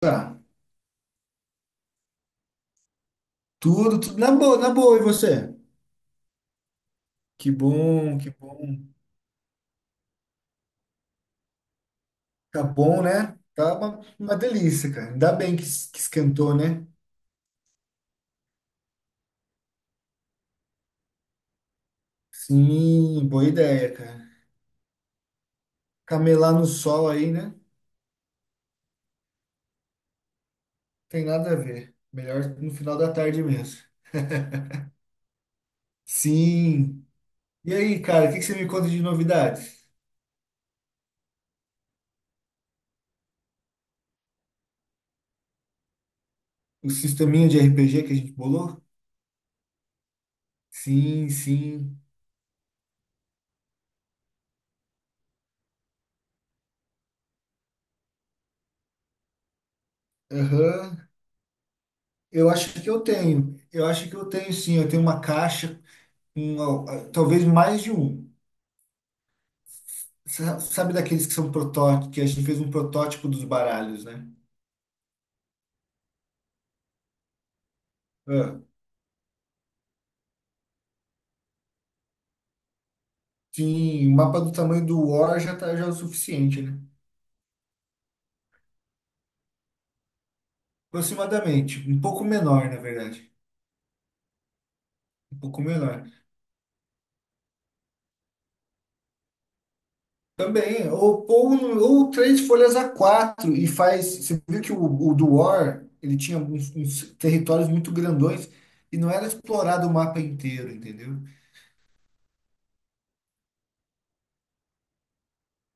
Tá. Tudo, tudo na boa, na boa. E você? Que bom, que bom. Tá bom, né? Tá uma delícia, cara. Ainda bem que, que esquentou, né? Sim, boa ideia, cara. Camelar no sol aí, né? Tem nada a ver. Melhor no final da tarde mesmo. Sim. E aí, cara, o que que você me conta de novidades? O sisteminha de RPG que a gente bolou? Sim, sim. Aham. Eu acho que eu tenho. Eu acho que eu tenho sim. Eu tenho uma caixa, um, talvez mais de um. Sabe daqueles que são protótipos, que a gente fez um protótipo dos baralhos, né? Ah, sim, o mapa do tamanho do War já tá, já é o suficiente, né? Aproximadamente, um pouco menor, na verdade. Um pouco menor. Também, ou três folhas a quatro e faz. Você viu que o do War, ele tinha uns, uns territórios muito grandões e não era explorado o mapa inteiro, entendeu?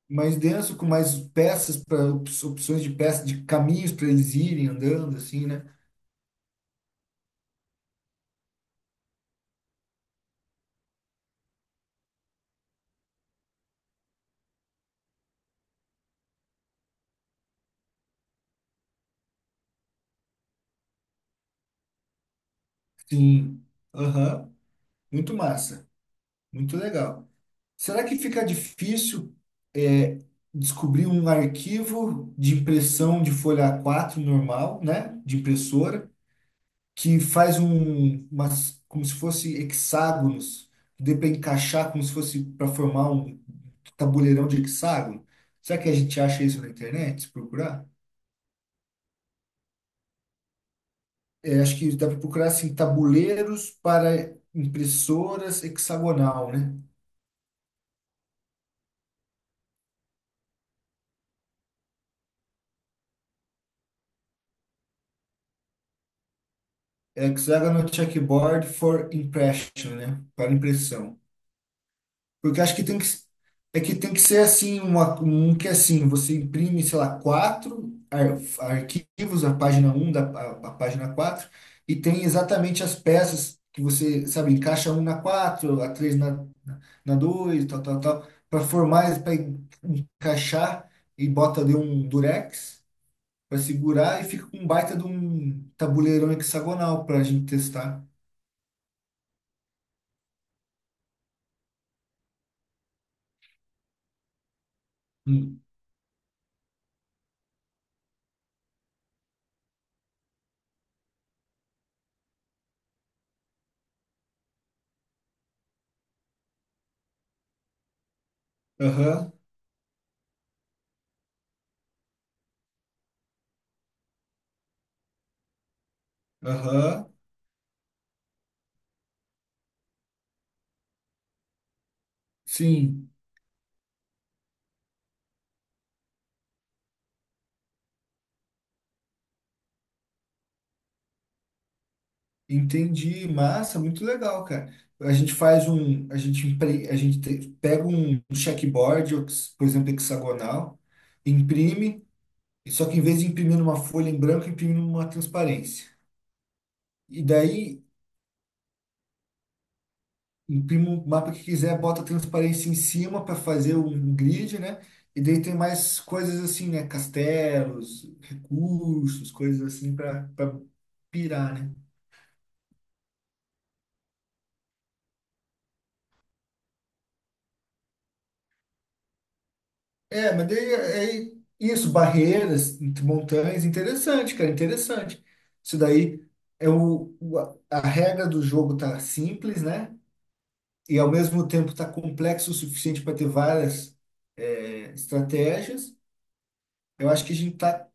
Mais denso, com mais peças, para opções de peças, de caminhos para eles irem andando, assim, né? Sim. Aham. Muito massa. Muito legal. Será que fica difícil é, descobrir um arquivo de impressão de folha a quatro normal, né? De impressora, que faz um, umas, como se fosse hexágonos, que dê para encaixar como se fosse para formar um tabuleirão de hexágono? Será que a gente acha isso na internet, se procurar? É, acho que dá para procurar assim, tabuleiros para impressoras hexagonal, né? Hexagonal checkboard for impression, né? Para impressão. Porque acho que tem que, é que tem que ser assim, uma, um que é assim, você imprime, sei lá, quatro arquivos, a página um a página 4 e tem exatamente as peças que você, sabe, encaixa um na 4, a 3 na dois, tal, tal, tal, para formar, para encaixar e bota ali um durex para segurar e fica com um baita de um tabuleirão hexagonal para a gente testar. Hum. Aham, aham, sim, entendi. Massa, muito legal, cara. A gente faz um, a gente, a gente pega um checkboard, por exemplo, hexagonal, imprime, só que em vez de imprimir numa folha em branco, imprime numa transparência. E daí, imprime o mapa que quiser, bota a transparência em cima para fazer um grid, né? E daí tem mais coisas assim, né? Castelos, recursos, coisas assim para pirar, né? É, mas daí é isso, barreiras, montanhas, interessante, cara, interessante. Isso daí é a regra do jogo tá simples, né? E ao mesmo tempo tá complexo o suficiente para ter várias estratégias. Eu acho que a gente tá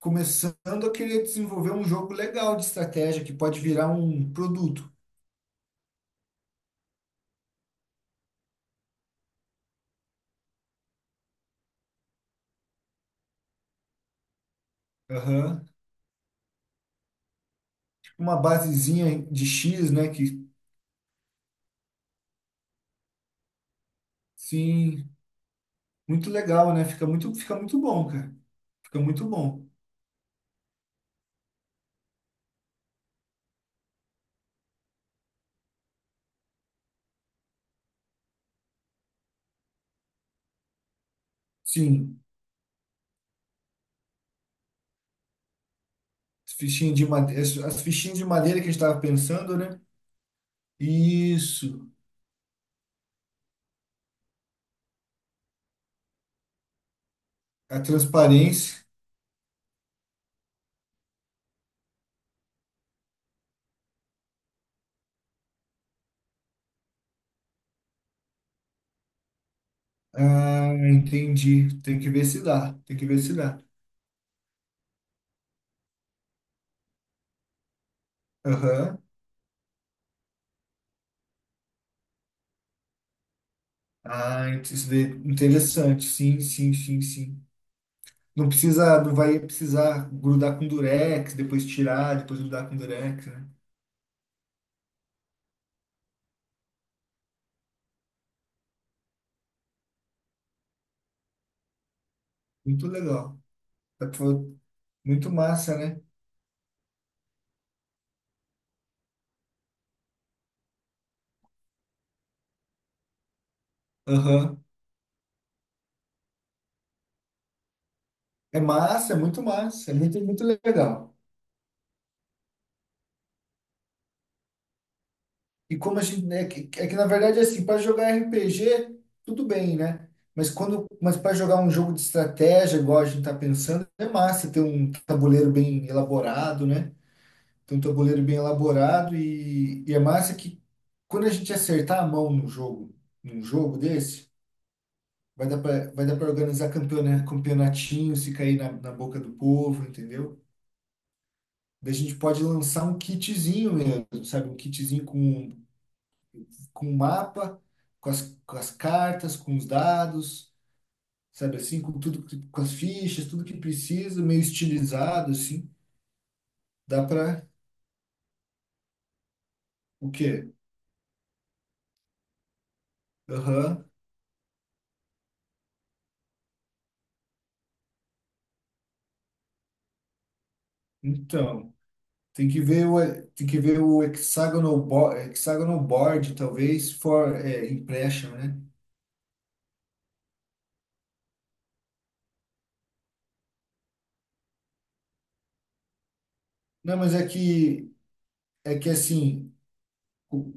começando a querer desenvolver um jogo legal de estratégia que pode virar um produto. Aham. Tipo uma basezinha de X, né? Que sim, muito legal, né? Fica muito bom, cara. Fica muito bom. Sim. Fichinha de madeira, as fichinhas de madeira que a gente estava pensando, né? Isso, a transparência. Ah, entendi. Tem que ver se dá. Tem que ver se dá. Aham. Ah, isso daí é interessante. Sim, sim, sim, sim. Não precisa, não vai precisar grudar com durex, depois tirar, depois grudar com durex, né? Muito legal. Tá, pô, muito massa, né? Aham. É massa. É muito, muito legal. E como a gente, né, é que na verdade assim, para jogar RPG, tudo bem, né? Mas quando, mas para jogar um jogo de estratégia, igual a gente tá pensando, é massa ter um tabuleiro bem elaborado, né? Ter um tabuleiro bem elaborado e é massa que quando a gente acertar a mão no jogo, num jogo desse, vai dar para organizar campeona, campeonatinho, se cair na boca do povo, entendeu? Daí a gente pode lançar um kitzinho mesmo, sabe? Um kitzinho com o mapa, com as cartas, com os dados, sabe assim, com tudo, com as fichas, tudo que precisa, meio estilizado, assim. Dá para o quê? Aham. Então, tem que ver tem que ver o hexagonal, bo, hexagonal board, talvez, for, é, impression, né? Não, mas é que assim.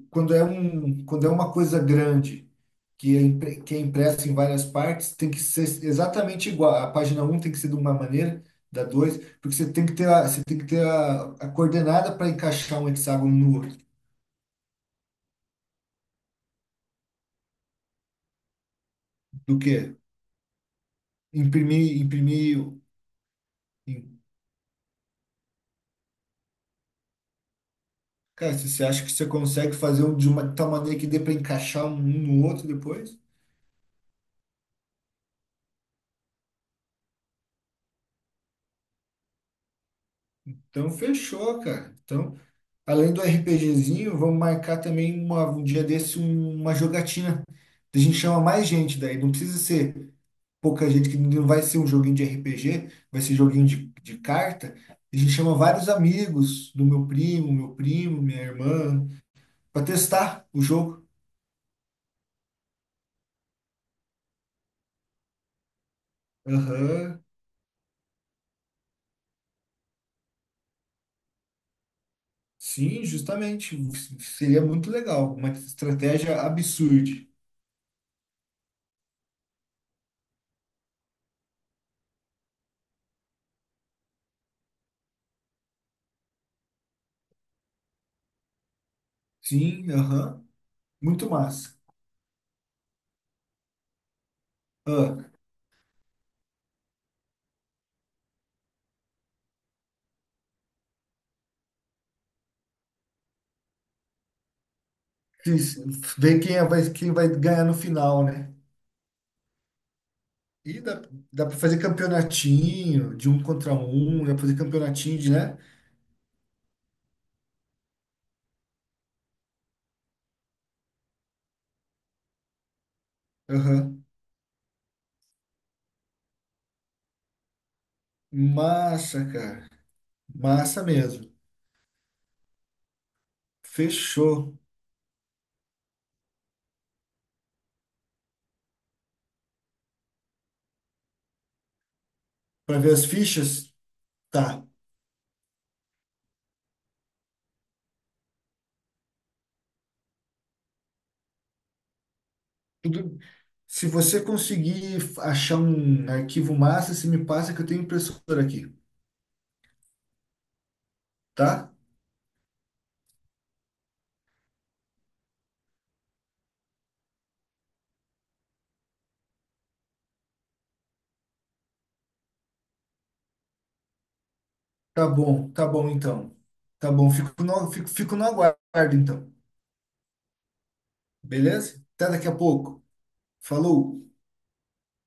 Quando é um, quando é uma coisa grande que é, que é impressa em várias partes, tem que ser exatamente igual. A página um tem que ser de uma maneira, da 2 porque você tem que ter você tem que ter a coordenada para encaixar um hexágono no outro. Do que imprimir, imprimir. em- Cara, se você acha que você consegue fazer um de uma tal maneira que dê para encaixar um no outro depois? Então fechou, cara. Então além do RPGzinho, vamos marcar também um dia desse uma jogatina. A gente chama mais gente daí. Não precisa ser pouca gente, que não vai ser um joguinho de RPG, vai ser joguinho de carta. A gente chama vários amigos do meu primo, minha irmã, para testar o jogo. Aham. Sim, justamente. Seria muito legal. Uma estratégia absurda. Sim, aham. Muito massa. Ah, ver vai, quem vai ganhar no final, né? E dá, dá pra fazer campeonatinho de um contra um, dá pra fazer campeonatinho de, né? Aham. Massa, cara. Massa mesmo. Fechou. Pra ver as fichas? Tá. Tudo... Se você conseguir achar um arquivo massa, se me passa que eu tenho impressora aqui, tá? Tá bom então. Tá bom, fico no, fico no aguardo então. Beleza? Até daqui a pouco. Falou!